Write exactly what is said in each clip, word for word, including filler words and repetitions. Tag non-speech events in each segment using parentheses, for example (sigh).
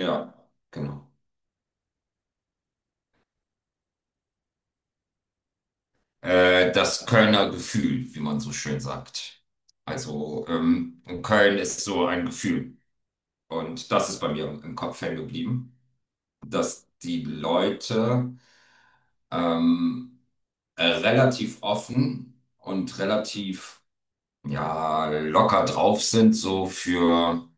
Ja, genau. Äh, das Kölner Gefühl, wie man so schön sagt. Also, ähm, Köln ist so ein Gefühl. Und das ist bei mir im im Kopf hängen geblieben, dass die Leute ähm, äh, relativ offen und relativ ja, locker drauf sind, so für,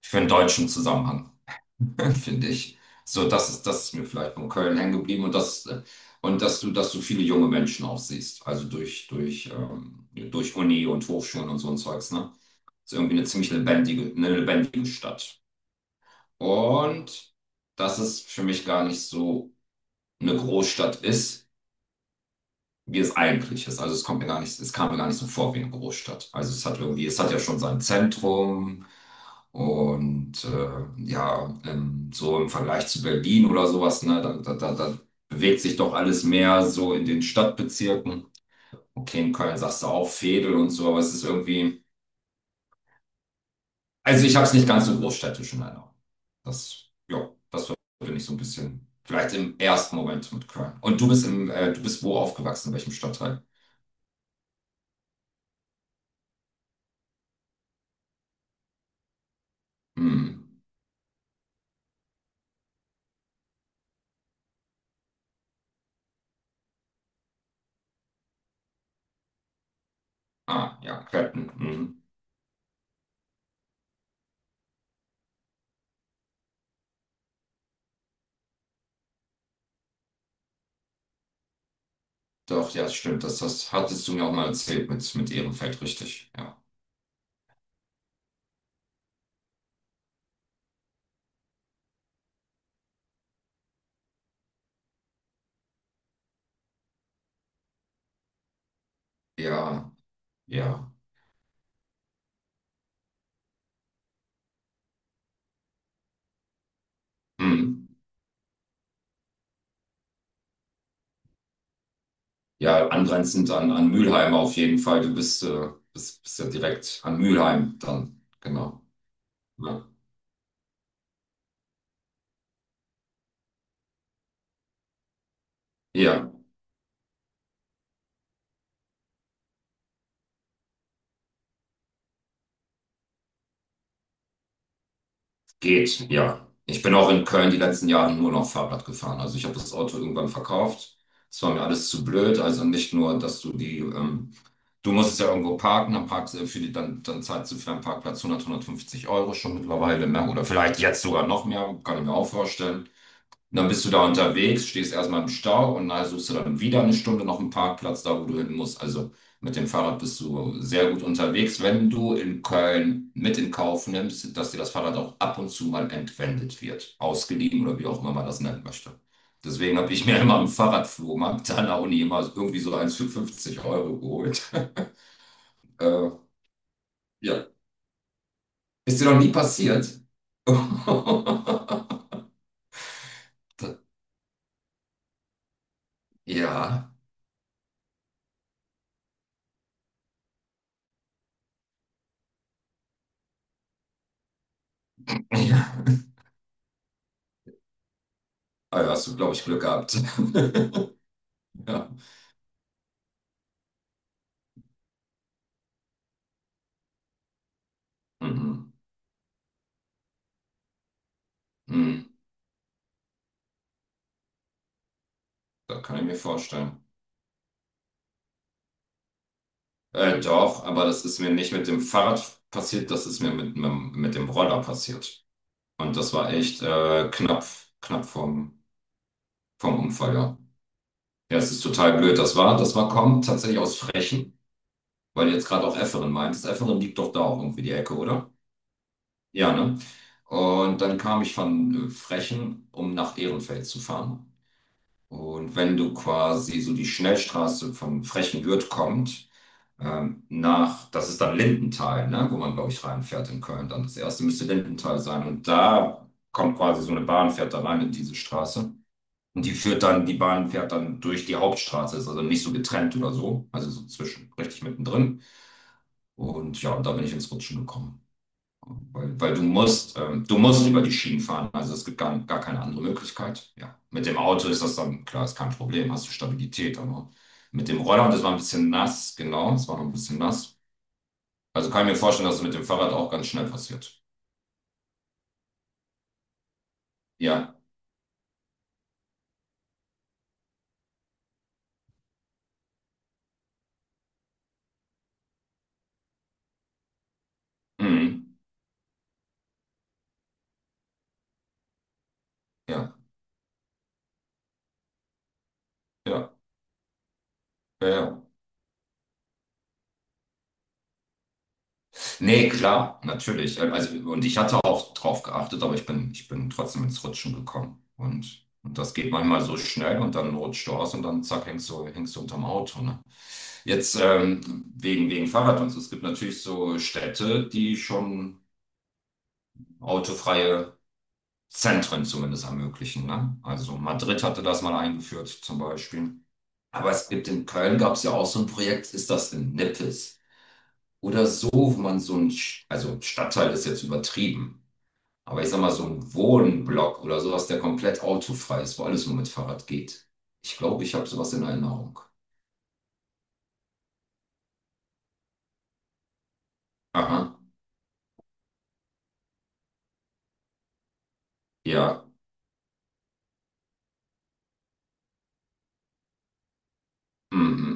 für einen deutschen Zusammenhang. (laughs) finde ich. So, das ist, das ist mir vielleicht von Köln hängen geblieben, und das, äh, und dass du, dass du viele junge Menschen auch siehst. Also durch, durch, ähm, durch Uni und Hochschulen und so ein Zeugs, ne? Ist irgendwie eine ziemlich lebendige, eine lebendige Stadt. Und dass es für mich gar nicht so eine Großstadt ist, wie es eigentlich ist. Also es kommt mir gar nicht, es kam mir gar nicht so vor wie eine Großstadt. Also es hat irgendwie, es hat ja schon sein Zentrum, und äh, ja, ähm, so im Vergleich zu Berlin oder sowas, ne, da, da, da, da bewegt sich doch alles mehr so in den Stadtbezirken. Okay, in Köln sagst du auch Veedel und so, aber es ist irgendwie, also ich habe es nicht ganz so großstädtisch in Erinnerung. Das, ja, das verbinde ich so ein bisschen, vielleicht im ersten Moment, mit Köln. Und du bist im, äh, du bist wo aufgewachsen, in welchem Stadtteil? Hm. Ah, ja, Clapton. Mhm. Mhm. Doch, ja, stimmt. Das, das hattest du mir auch mal erzählt, mit, mit Ehrenfeld, richtig. Ja, ja, ja. Mhm. Ja, angrenzend an, an Mülheim auf jeden Fall. Du bist, äh, bist, bist ja direkt an Mülheim dann. Genau. Ja. Ja, geht, ja. Ich bin auch in Köln die letzten Jahre nur noch Fahrrad gefahren. Also ich habe das Auto irgendwann verkauft. Es war mir alles zu blöd. Also nicht nur, dass du die ähm, du musst es ja irgendwo parken, dann parkst du für die, dann, dann zahlst du für einen Parkplatz hundert, hundertfünfzig Euro schon mittlerweile, ne? Oder vielleicht jetzt sogar noch mehr, kann ich mir auch vorstellen. Und dann bist du da unterwegs, stehst erstmal im Stau und dann suchst du dann wieder eine Stunde noch einen Parkplatz, da wo du hin musst. Also mit dem Fahrrad bist du sehr gut unterwegs, wenn du in Köln mit in Kauf nimmst, dass dir das Fahrrad auch ab und zu mal entwendet wird, ausgeliehen oder wie auch immer man das nennen möchte. Deswegen habe ich mir immer am Fahrradflohmarkt an der Uni immer irgendwie so eins für fünfzig Euro geholt. (laughs) Äh, ja. Ist dir noch nie passiert? (laughs) Ja. Ja. Ah ja, hast du, glaube ich, Glück gehabt. (laughs) Ja. Mhm. Mhm. Da kann ich mir vorstellen. Äh, doch, aber das ist mir nicht mit dem Fahrrad passiert, das ist mir mit, meinem- mit dem Roller passiert. Und das war echt äh, knapp, knapp vom, vom Unfall, ja. Ja, es ist total blöd. Das war, das war Kommt tatsächlich aus Frechen, weil du jetzt gerade auch Efferen meintest. Efferen liegt doch da auch irgendwie die Ecke, oder? Ja, ne? Und dann kam ich von äh, Frechen, um nach Ehrenfeld zu fahren. Und wenn du quasi so die Schnellstraße von Frechenwürth kommt, ähm, nach, das ist dann Lindenthal, ne? Wo man, glaube ich, reinfährt in Köln. Dann das erste müsste Lindenthal sein. Und da kommt quasi so eine Bahn, fährt da rein in diese Straße. Und die führt dann, die Bahn fährt dann durch die Hauptstraße, ist also nicht so getrennt oder so, also so zwischen, richtig mittendrin. Und ja, und da bin ich ins Rutschen gekommen. Weil, weil du musst, ähm, du musst über die Schienen fahren. Also es gibt gar, gar keine andere Möglichkeit. Ja. Mit dem Auto ist das dann, klar, ist kein Problem, hast du Stabilität, aber mit dem Roller, das war ein bisschen nass, genau, es war noch ein bisschen nass. Also kann ich mir vorstellen, dass es mit dem Fahrrad auch ganz schnell passiert. Ja. Mhm. Ja, ja, ja, ja. Nee, klar, natürlich. Ähm, Also, und ich hatte auch drauf geachtet, aber ich bin, ich bin trotzdem ins Rutschen gekommen. Und, und das geht manchmal so schnell, und dann rutscht du aus und dann zack, hängst du, hängst du unterm Auto. Ne? Jetzt ähm, wegen, wegen Fahrrad und so. Es gibt natürlich so Städte, die schon autofreie Zentren zumindest ermöglichen. Ne? Also Madrid hatte das mal eingeführt zum Beispiel. Aber es gibt in Köln, gab es ja auch so ein Projekt, ist das in Nippes? Oder so, wo man so ein, Sch- also, Stadtteil ist jetzt übertrieben, aber ich sag mal, so ein Wohnblock oder sowas, der komplett autofrei ist, wo alles nur mit Fahrrad geht. Ich glaube, ich habe sowas in Erinnerung. Aha, ja, mhm.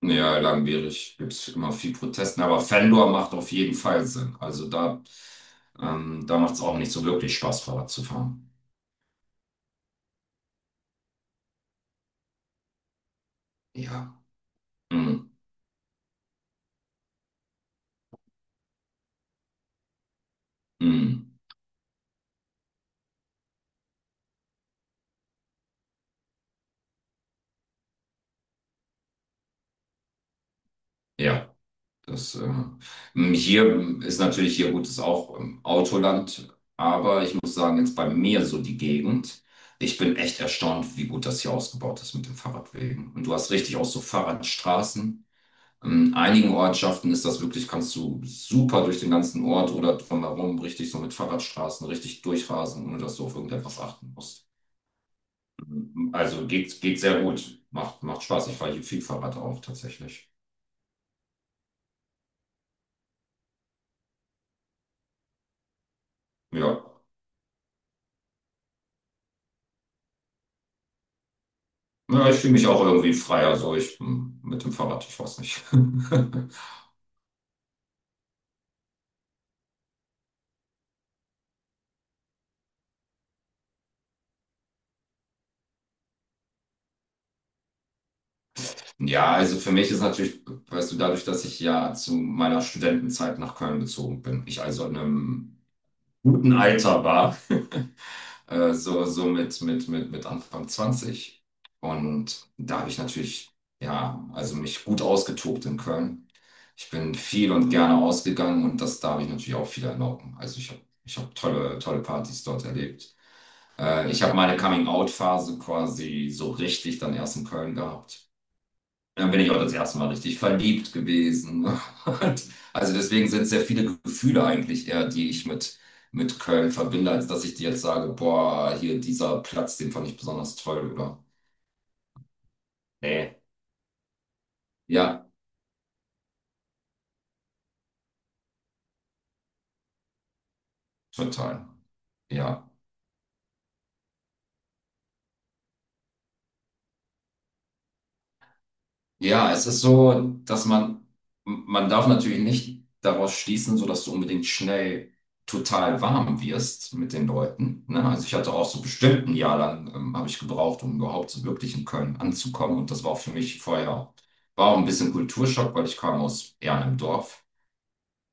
Ja, langwierig. Gibt es immer viel Protesten, aber Fendor macht auf jeden Fall Sinn. Also da, ähm, da macht es auch nicht so wirklich Spaß, Fahrrad zu fahren. Ja, mhm. Mhm. Ja. Das, äh, Hier ist natürlich, hier gut, ist auch ähm, Autoland, aber ich muss sagen, jetzt bei mir so die Gegend, ich bin echt erstaunt, wie gut das hier ausgebaut ist mit den Fahrradwegen. Und du hast richtig auch so Fahrradstraßen. In einigen Ortschaften ist das wirklich, kannst du super durch den ganzen Ort oder drumherum richtig so mit Fahrradstraßen richtig durchrasen, ohne dass du auf irgendetwas achten musst. Also geht, geht sehr gut. Macht, macht Spaß. Ich fahre hier viel Fahrrad auch tatsächlich. Ja. Ja, ich fühle mich auch irgendwie freier, so ich hm, mit dem Fahrrad, ich weiß nicht. (laughs) Ja, also für mich ist natürlich, weißt du, dadurch, dass ich ja zu meiner Studentenzeit nach Köln gezogen bin, ich also in einem guten Alter war, (laughs) äh, so, so mit, mit, mit, mit Anfang zwanzig. Und da habe ich natürlich, ja, also mich gut ausgetobt in Köln. Ich bin viel und gerne ausgegangen, und das, da habe ich natürlich auch viel erlauben. Also ich habe ich hab tolle, tolle Partys dort erlebt. Äh, ich habe meine Coming-out-Phase quasi so richtig dann erst in Köln gehabt. Dann bin ich auch das erste Mal richtig verliebt gewesen. (laughs) Und also deswegen sind sehr viele Gefühle eigentlich eher, die ich mit, mit Köln verbinde, als dass ich dir jetzt sage, boah, hier, dieser Platz, den fand ich besonders toll, oder? Nee. Ja, total. Ja. Ja, es ist so, dass man, man darf natürlich nicht daraus schließen, so dass du unbedingt schnell total warm wirst mit den Leuten. Ne? Also ich hatte auch so bestimmt ein Jahr lang, ähm, habe ich gebraucht, um überhaupt so wirklich in Köln anzukommen. Und das war auch für mich vorher, war auch ein bisschen Kulturschock, weil ich kam aus eher einem Dorf.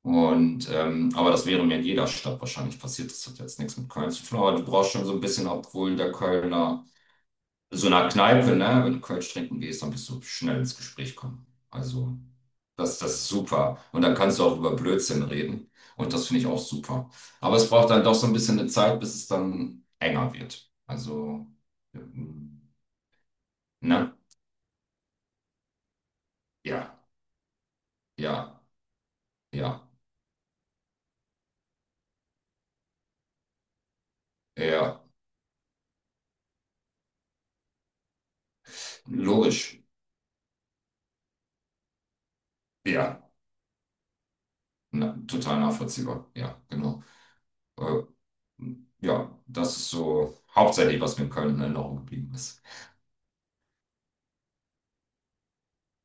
Und, ähm, aber das wäre mir in jeder Stadt wahrscheinlich passiert. Das hat jetzt nichts mit Köln zu tun, aber du brauchst schon so ein bisschen, obwohl der Kölner so einer Kneipe, ne, wenn du Kölsch trinken gehst, dann bist du schnell ins Gespräch kommen. Also, das, das ist super. Und dann kannst du auch über Blödsinn reden. Und das finde ich auch super. Aber es braucht dann doch so ein bisschen eine Zeit, bis es dann enger wird. Also, ähm, ne? Ja, ja, ja, ja. Logisch. Ja, na, total nachvollziehbar. Ja, genau. Äh, ja, das ist so hauptsächlich, was mir in Köln in Erinnerung geblieben ist.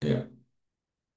Ja.